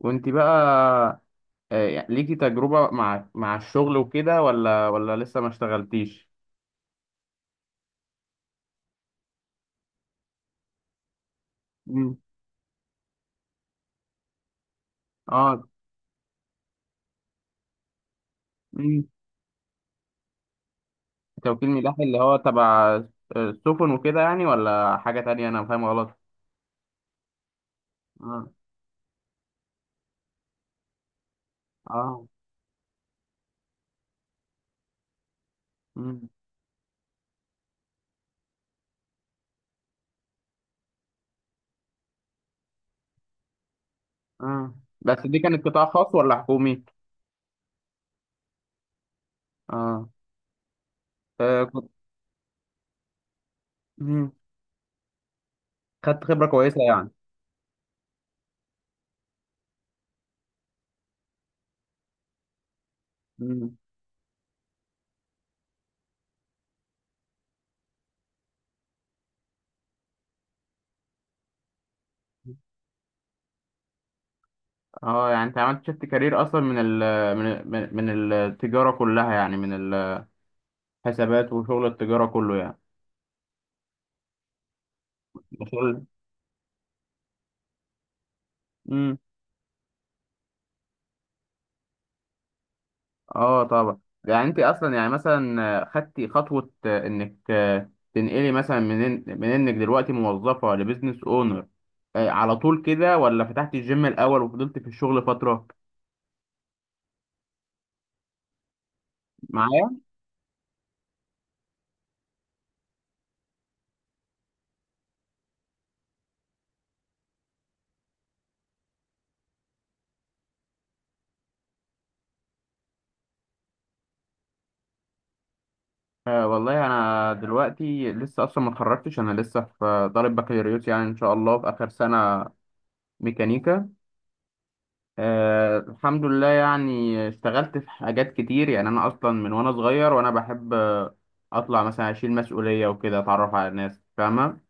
وانت بقى؟ يعني ليكي تجربة مع الشغل وكده ولا لسه ما اشتغلتيش؟ مم. اه مم. توكيل ملاحي اللي هو تبع السفن وكده، يعني ولا حاجة تانية؟ انا فاهم غلط. اه اه مم. اه. بس دي كانت قطاع خاص ولا حكومي؟ اه. كنت. مم. خدت خبرة كويسة يعني. مم. اه، يعني انت عملت شفت كارير اصلا من ال من من من التجاره كلها، يعني من الحسابات وشغل التجاره كله يعني. شغل. اه طبعا، يعني انت اصلا يعني مثلا خدتي خطوه انك تنقلي مثلا من انك دلوقتي موظفه لبزنس اونر على طول كده، ولا فتحتي الجيم الاول وفضلتي في الشغل فتره معايا؟ والله انا دلوقتي لسه اصلا ما اتخرجتش، انا لسه في طالب بكالوريوس يعني، ان شاء الله في اخر سنه. ميكانيكا. الحمد لله، يعني اشتغلت في حاجات كتير. يعني انا اصلا من وانا صغير وانا بحب اطلع مثلا، اشيل مسؤوليه وكده، اتعرف على ناس فاهمه.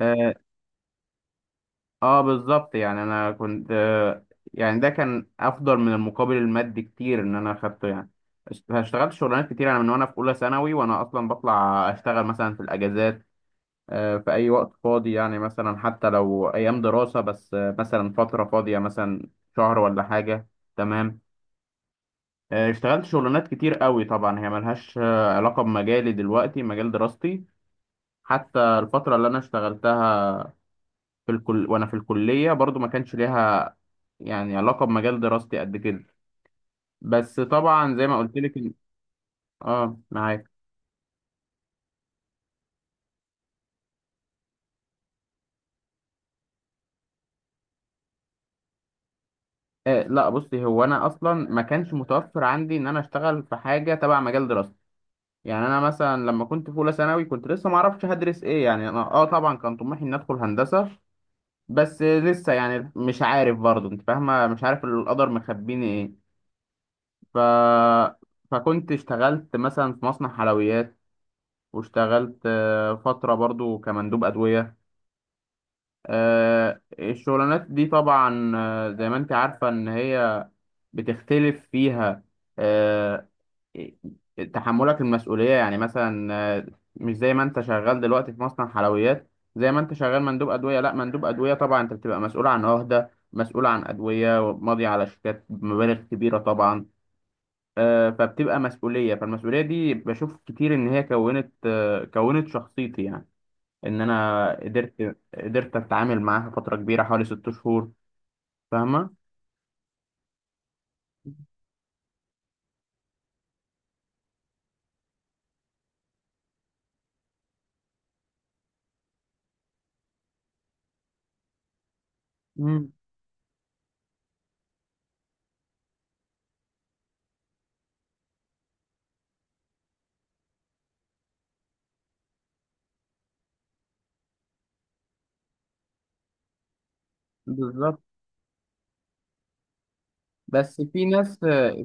اه. بالظبط، يعني انا كنت يعني ده كان افضل من المقابل المادي كتير ان انا اخدته يعني. اشتغلت شغلانات كتير. انا من وانا في اولى ثانوي وانا اصلا بطلع اشتغل مثلا في الاجازات، في اي وقت فاضي، يعني مثلا حتى لو ايام دراسة بس مثلا فترة فاضية مثلا شهر ولا حاجة. تمام. اشتغلت شغلانات كتير قوي. طبعا هي ملهاش علاقة بمجالي دلوقتي، مجال دراستي. حتى الفترة اللي انا اشتغلتها في الكل وانا في الكليه برضو ما كانش ليها يعني علاقه بمجال دراستي قد كده. بس طبعا زي ما قلت لك اه معاك. لا، بصي، هو انا اصلا ما كانش متوفر عندي ان انا اشتغل في حاجه تبع مجال دراستي. يعني انا مثلا لما كنت في اولى ثانوي كنت لسه ما اعرفش هدرس ايه. يعني انا اه طبعا كان طموحي اني ادخل هندسه، بس لسه يعني مش عارف برضه، انت فاهمه، مش عارف القدر مخبيني ايه. ف فكنت اشتغلت مثلا في مصنع حلويات، واشتغلت فترة برضو كمندوب أدوية. الشغلانات دي طبعا زي ما انت عارفة ان هي بتختلف فيها. آه، إيه، تحملك المسؤولية يعني مثلا آه، مش زي ما انت شغال دلوقتي في مصنع حلويات، زي ما انت شغال مندوب أدوية. لا، مندوب أدوية طبعا انت بتبقى مسؤول عن عهدة، مسؤول عن أدوية، ماضي على شيكات بمبالغ كبيرة طبعا. فبتبقى مسؤولية، فالمسؤولية دي بشوف كتير ان هي كونت كونت شخصيتي. يعني ان انا قدرت اتعامل معاها فتره كبيره، حوالي 6 شهور. فاهمه؟ مم. بالظبط. بس في ناس،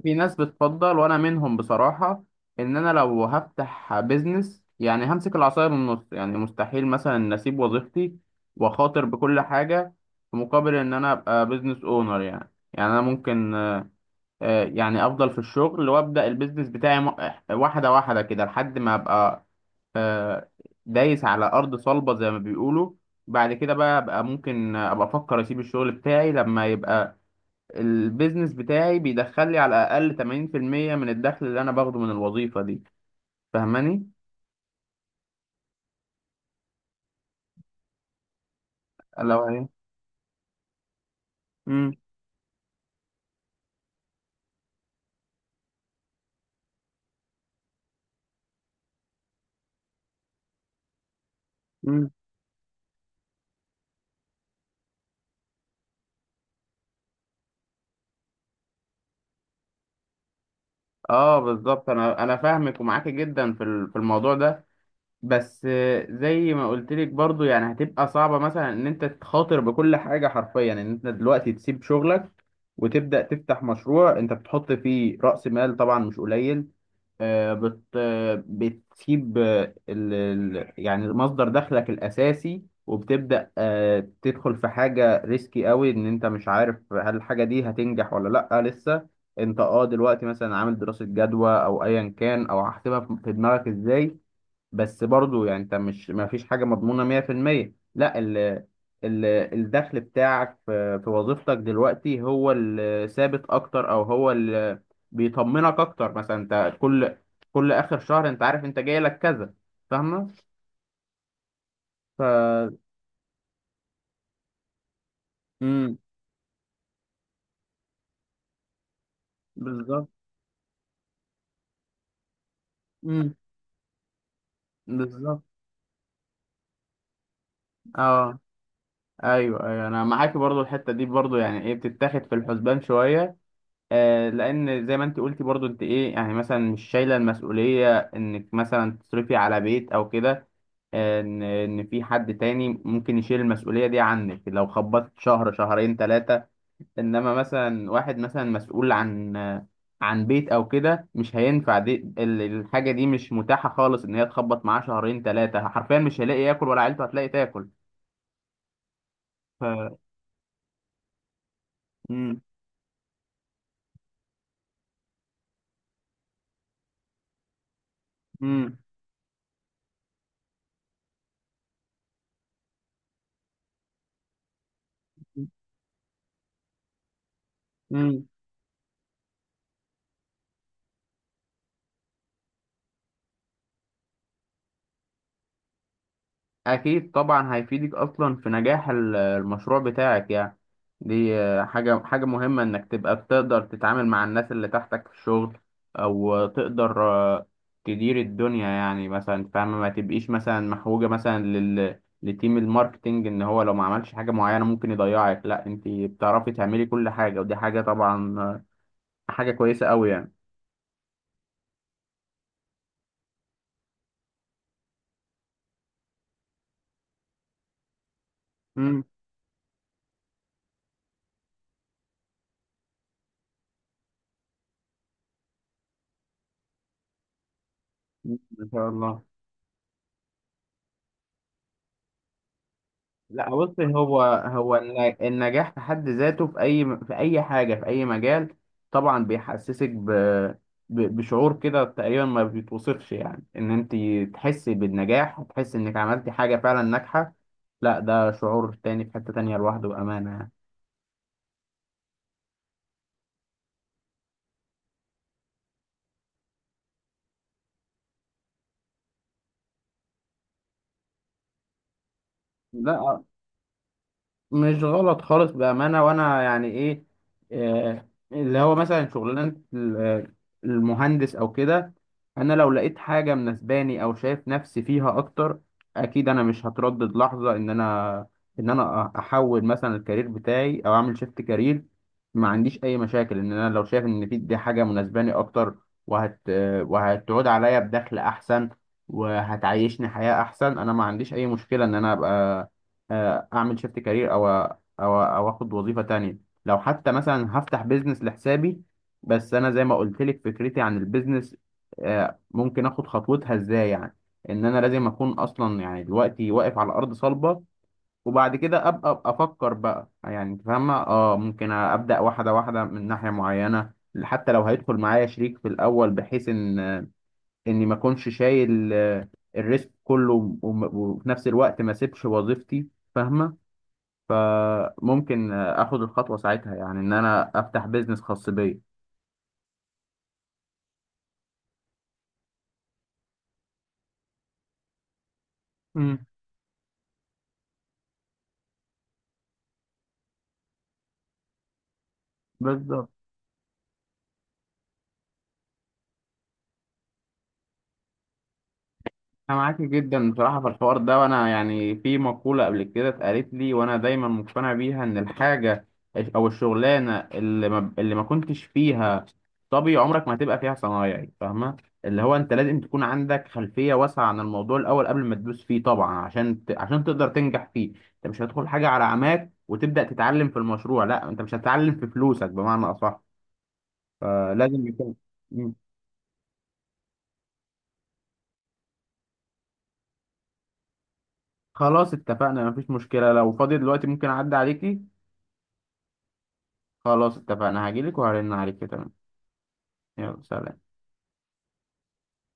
في ناس بتفضل وانا منهم بصراحه، ان انا لو هفتح بيزنس يعني همسك العصايه من النص. يعني مستحيل مثلا إن اسيب وظيفتي واخاطر بكل حاجه في مقابل ان انا ابقى بيزنس اونر. يعني، يعني انا ممكن يعني افضل في الشغل وابدا البيزنس بتاعي واحده واحده كده لحد ما ابقى آه، دايس على ارض صلبه زي ما بيقولوا. بعد كده بقى ممكن ابقى افكر اسيب الشغل بتاعي لما يبقى البيزنس بتاعي بيدخل لي على الاقل 80% من الدخل اللي انا باخده من الوظيفه دي. فاهماني؟ لو هي امم امم اه، بالظبط. انا فاهمك ومعاكي جدا في في الموضوع ده. بس زي ما قلت لك برضو، يعني هتبقى صعبة مثلا ان انت تخاطر بكل حاجة حرفيا، ان انت دلوقتي تسيب شغلك وتبدأ تفتح مشروع انت بتحط فيه رأس مال طبعا مش قليل. آه، بت آه، بتسيب يعني مصدر دخلك الأساسي، وبتبدأ تدخل في حاجة ريسكي قوي، ان انت مش عارف هل الحاجة دي هتنجح ولا لأ لسه. انت اه دلوقتي مثلا عامل دراسة جدوى او ايا كان، او هحسبها في دماغك ازاي. بس برضو يعني انت مش، ما فيش حاجه مضمونه 100%. لا، ال ال الدخل بتاعك في وظيفتك دلوقتي هو الثابت اكتر، او هو اللي بيطمنك اكتر. مثلا انت كل اخر شهر انت عارف انت جاي لك كذا. فاهمه؟ ف امم بالظبط. امم بالظبط. اه، ايوه ايوه انا معاك. برضو الحته دي برضو يعني ايه بتتاخد في الحسبان شويه. لان زي ما انت قلتي برضو، انت ايه يعني مثلا مش شايله المسؤوليه انك مثلا تصرفي على بيت او كده. ان في حد تاني ممكن يشيل المسؤوليه دي عنك لو خبطت شهر شهرين ثلاثه. انما مثلا واحد مثلا مسؤول عن عن بيت او كده، مش هينفع. دي الحاجه دي مش متاحه خالص ان هي تخبط معاه شهرين ثلاثه، حرفيا مش هيلاقي ياكل، ولا عيلته هتلاقي تاكل. ف... مم. مم. مم. أكيد، طبعا هيفيدك أصلا في نجاح المشروع بتاعك يعني. دي حاجة، حاجة مهمة إنك تبقى بتقدر تتعامل مع الناس اللي تحتك في الشغل، أو تقدر تدير الدنيا. يعني مثلا فاهمة، ما تبقيش مثلا محوجة مثلا لتيم الماركتينج إن هو لو ما عملش حاجة معينة ممكن يضيعك. لأ، أنت بتعرفي تعملي كل حاجة، ودي حاجة طبعا حاجة كويسة أوي يعني. مم. إن شاء الله. لا، بص، هو النجاح في حد ذاته، في اي، في اي حاجه، في اي مجال، طبعا بيحسسك بشعور كده تقريبا ما بيتوصفش، يعني ان انت تحسي بالنجاح، تحسي انك عملتي حاجه فعلا ناجحه. لا ده شعور تاني في حته تانيه لوحده، بامانه يعني. لا، مش غلط خالص بأمانة. وأنا يعني إيه، اللي هو مثلا شغلانة المهندس أو كده، أنا لو لقيت حاجة مناسباني أو شايف نفسي فيها أكتر، أكيد أنا مش هتردد لحظة إن أنا، إن أنا أحول مثلا الكارير بتاعي أو أعمل شيفت كارير. ما عنديش أي مشاكل إن أنا لو شايف إن في دي حاجة مناسباني أكتر، وهتعود عليا بدخل أحسن، وهتعيشني حياة أحسن. أنا ما عنديش أي مشكلة إن أنا أبقى اعمل شيفت كارير او او اخد وظيفه تانية. لو حتى مثلا هفتح بيزنس لحسابي. بس انا زي ما قلت لك، فكرتي عن البيزنس ممكن اخد خطوتها ازاي، يعني ان انا لازم اكون اصلا يعني دلوقتي واقف على ارض صلبه، وبعد كده أبقى افكر بقى. يعني انت فاهمه اه ممكن ابدا واحده واحده من ناحيه معينه. حتى لو هيدخل معايا شريك في الاول، بحيث ان اني ما اكونش شايل الريسك كله، وفي نفس الوقت ما اسيبش وظيفتي. فاهمه؟ فممكن اخد الخطوه ساعتها، يعني ان انا افتح بيزنس خاص بيا. امم بالظبط. انا معاك جدا بصراحه في الحوار ده. وانا يعني في مقوله قبل كده اتقالت لي وانا دايما مقتنع بيها، ان الحاجه او الشغلانه اللي ما كنتش فيها، طبي عمرك ما هتبقى فيها صنايعي. فاهمه؟ اللي هو انت لازم تكون عندك خلفيه واسعه عن الموضوع الاول قبل ما تدوس فيه، طبعا عشان عشان تقدر تنجح فيه. انت مش هتدخل حاجه على عماك وتبدا تتعلم في المشروع. لا، انت مش هتتعلم في فلوسك، بمعنى اصح. فلازم يكون. مم. خلاص اتفقنا، مفيش مشكلة. لو فاضي دلوقتي ممكن أعدي عليكي. خلاص اتفقنا، هجيلك وهرن عليكي. تمام. يلا سلام.